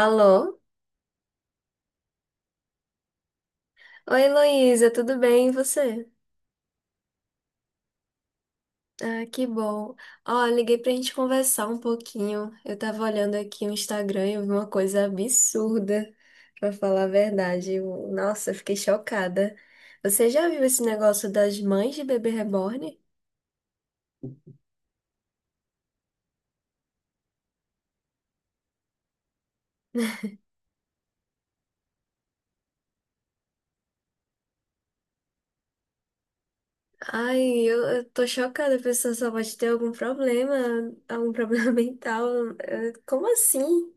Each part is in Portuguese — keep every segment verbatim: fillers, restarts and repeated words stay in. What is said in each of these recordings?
Alô? Oi, Heloísa, tudo bem? E você? Ah, que bom. Ó, liguei pra gente conversar um pouquinho. Eu tava olhando aqui o Instagram e eu vi uma coisa absurda, pra falar a verdade. Eu- Nossa, eu fiquei chocada. Você já viu esse negócio das mães de bebê reborn? Ai, eu, eu tô chocada. A pessoa só pode ter algum problema, algum problema mental. Eh, Como assim?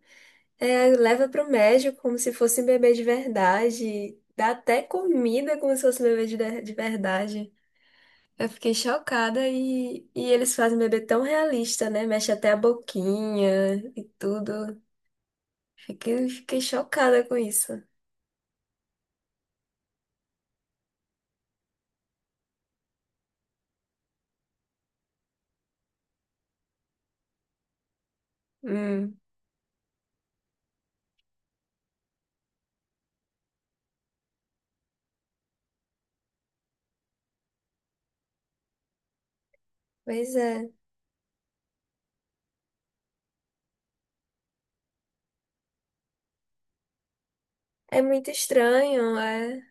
É, leva pro médico como se fosse um bebê de verdade. Dá até comida como se fosse um bebê de, de de verdade. Eu fiquei chocada e, e eles fazem um bebê tão realista, né? Mexe até a boquinha e tudo. Fiquei, fiquei chocada com isso. Hum. Pois é. É muito estranho. É.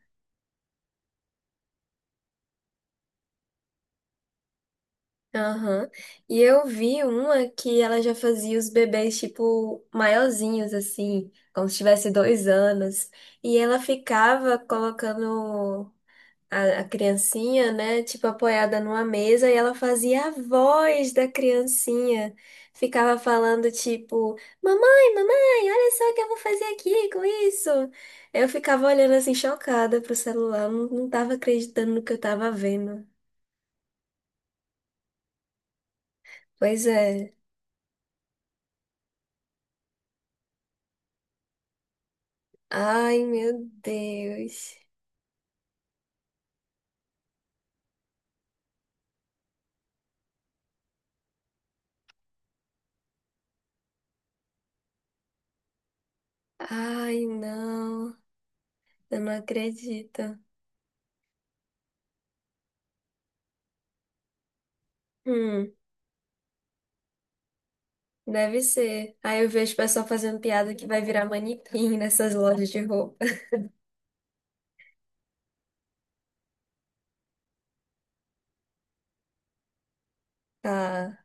Aham. E eu vi uma que ela já fazia os bebês, tipo, maiorzinhos, assim, como se tivesse dois anos. E ela ficava colocando a, a criancinha, né, tipo, apoiada numa mesa, e ela fazia a voz da criancinha. Ficava falando, tipo, mamãe, mamãe, olha só o que eu vou fazer aqui com isso. Eu ficava olhando, assim, chocada pro celular, não, não tava acreditando no que eu tava vendo. Pois é. Ai, meu Deus. Ai, não. Eu não acredito. Hum, deve ser. Aí eu vejo o pessoal fazendo piada que vai virar manequim nessas lojas de roupa. Tá.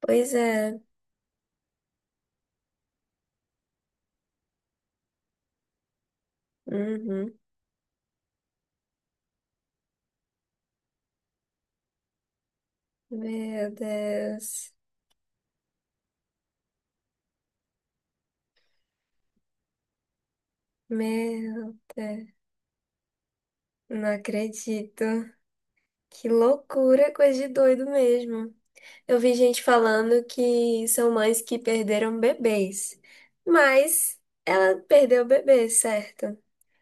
Pois é. Uhum. Meu Deus. Meu Deus. Não acredito. Que loucura, coisa de doido mesmo. Eu vi gente falando que são mães que perderam bebês, mas ela perdeu o bebê, certo?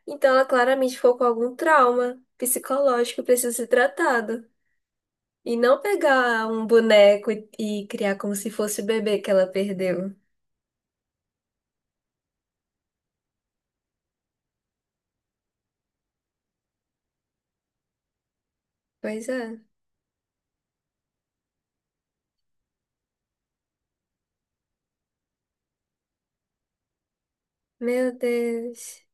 Então ela claramente ficou com algum trauma psicológico que precisa ser tratado. E não pegar um boneco e e criar como se fosse o bebê que ela perdeu. Pois é. Meu Deus.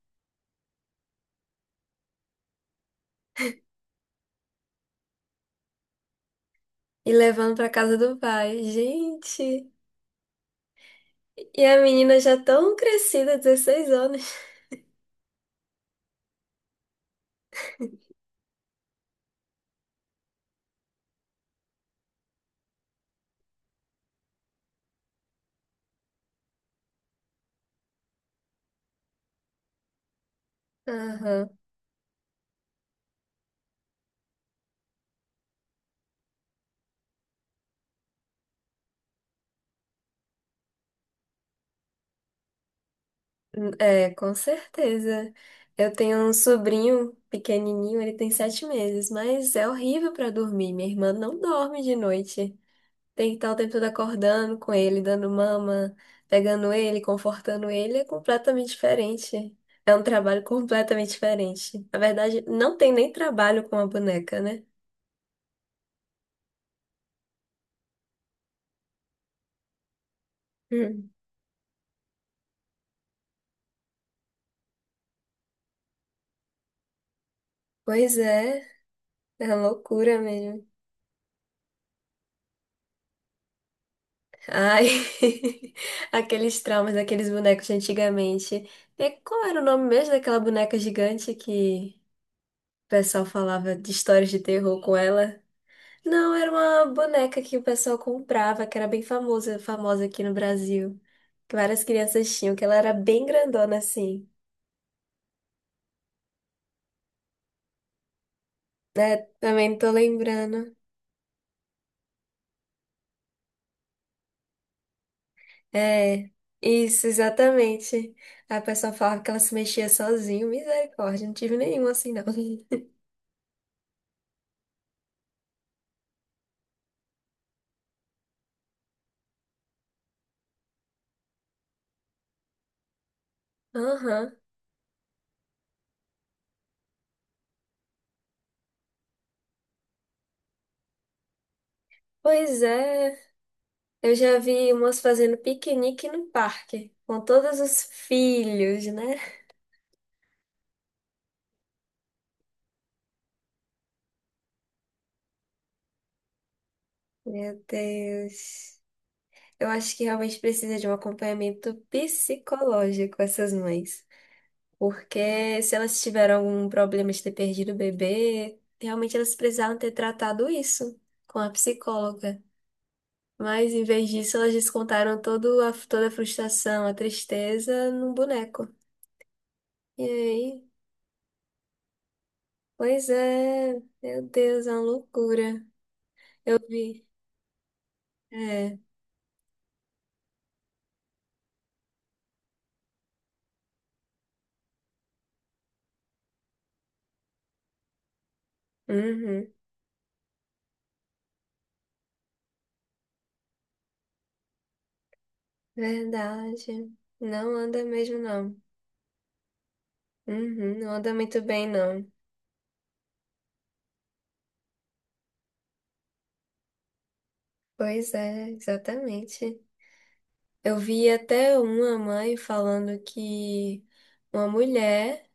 E levando pra casa do pai. Gente. E a menina já tão crescida, dezesseis anos. Aham. É, com certeza. Eu tenho um sobrinho pequenininho, ele tem sete meses, mas é horrível pra dormir. Minha irmã não dorme de noite. Tem que estar o tempo todo acordando com ele, dando mama, pegando ele, confortando ele. É completamente diferente. É um trabalho completamente diferente. Na verdade, não tem nem trabalho com a boneca, né? Hum. Pois é, é uma loucura mesmo. Ai, aqueles traumas daqueles bonecos de antigamente. E qual era o nome mesmo daquela boneca gigante que o pessoal falava de histórias de terror com ela? Não, era uma boneca que o pessoal comprava, que era bem famosa, famosa aqui no Brasil. Que várias crianças tinham, que ela era bem grandona assim. Né? Também não tô lembrando. É, isso, exatamente. Aí o pessoal falava que ela se mexia sozinha. Misericórdia, não tive nenhum assim, não. Aham. Pois é, eu já vi umas fazendo piquenique no parque, com todos os filhos, né? Meu Deus. Eu acho que realmente precisa de um acompanhamento psicológico essas mães. Porque se elas tiveram algum problema de ter perdido o bebê, realmente elas precisaram ter tratado isso com a psicóloga. Mas em vez disso, elas descontaram todo a- toda a frustração, a tristeza num boneco. E aí? Pois é, meu Deus, é uma loucura. Eu vi. É, uhum, verdade. Não anda mesmo, não. Uhum, não anda muito bem, não. Pois é, exatamente. Eu vi até uma mãe falando que uma mulher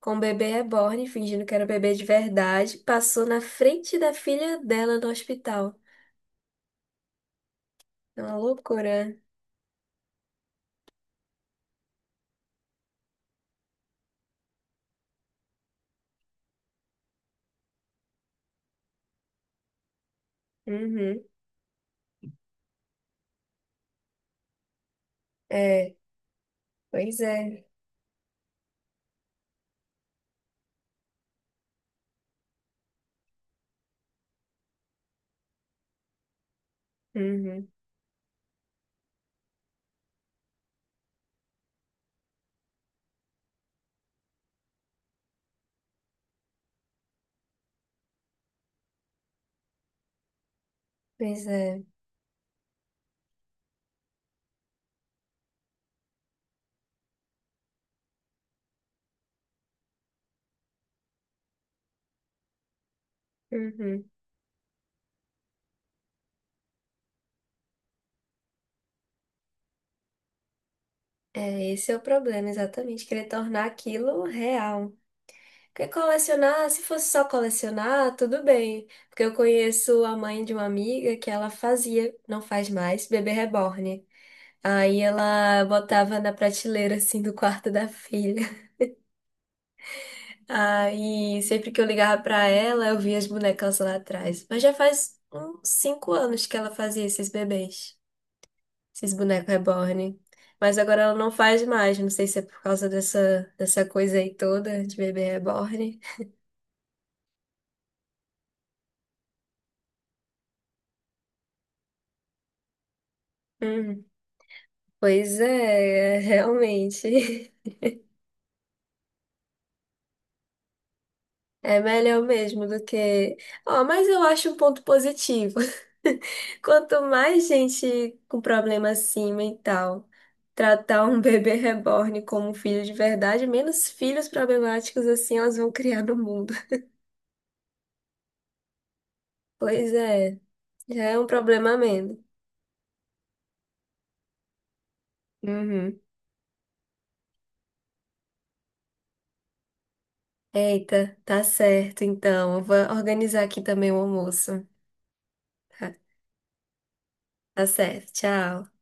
com um bebê reborn, fingindo que era bebê de verdade, passou na frente da filha dela no hospital. É uma loucura. Uhum, é, pois é. Uhum, pois é. Uhum. É, esse é o problema, exatamente, querer tornar aquilo real. Porque colecionar, se fosse só colecionar, tudo bem. Porque eu conheço a mãe de uma amiga que ela fazia, não faz mais, bebê reborn. Aí ela botava na prateleira, assim, do quarto da filha. Aí sempre que eu ligava pra ela, eu via as bonecas lá atrás. Mas já faz uns cinco anos que ela fazia esses bebês. Esses bonecos reborn. Mas agora ela não faz mais. Não sei se é por causa dessa, dessa coisa aí toda de bebê reborn. Hum, Pois é, é, realmente. É melhor mesmo do que. Ó, mas eu acho um ponto positivo. Quanto mais gente com problema assim mental tratar um bebê reborn como um filho de verdade, menos filhos problemáticos assim elas vão criar no mundo. Pois é, já é um problema a menos. Uhum. Eita, tá certo, então. Eu vou organizar aqui também o almoço. Tá, tá certo, tchau.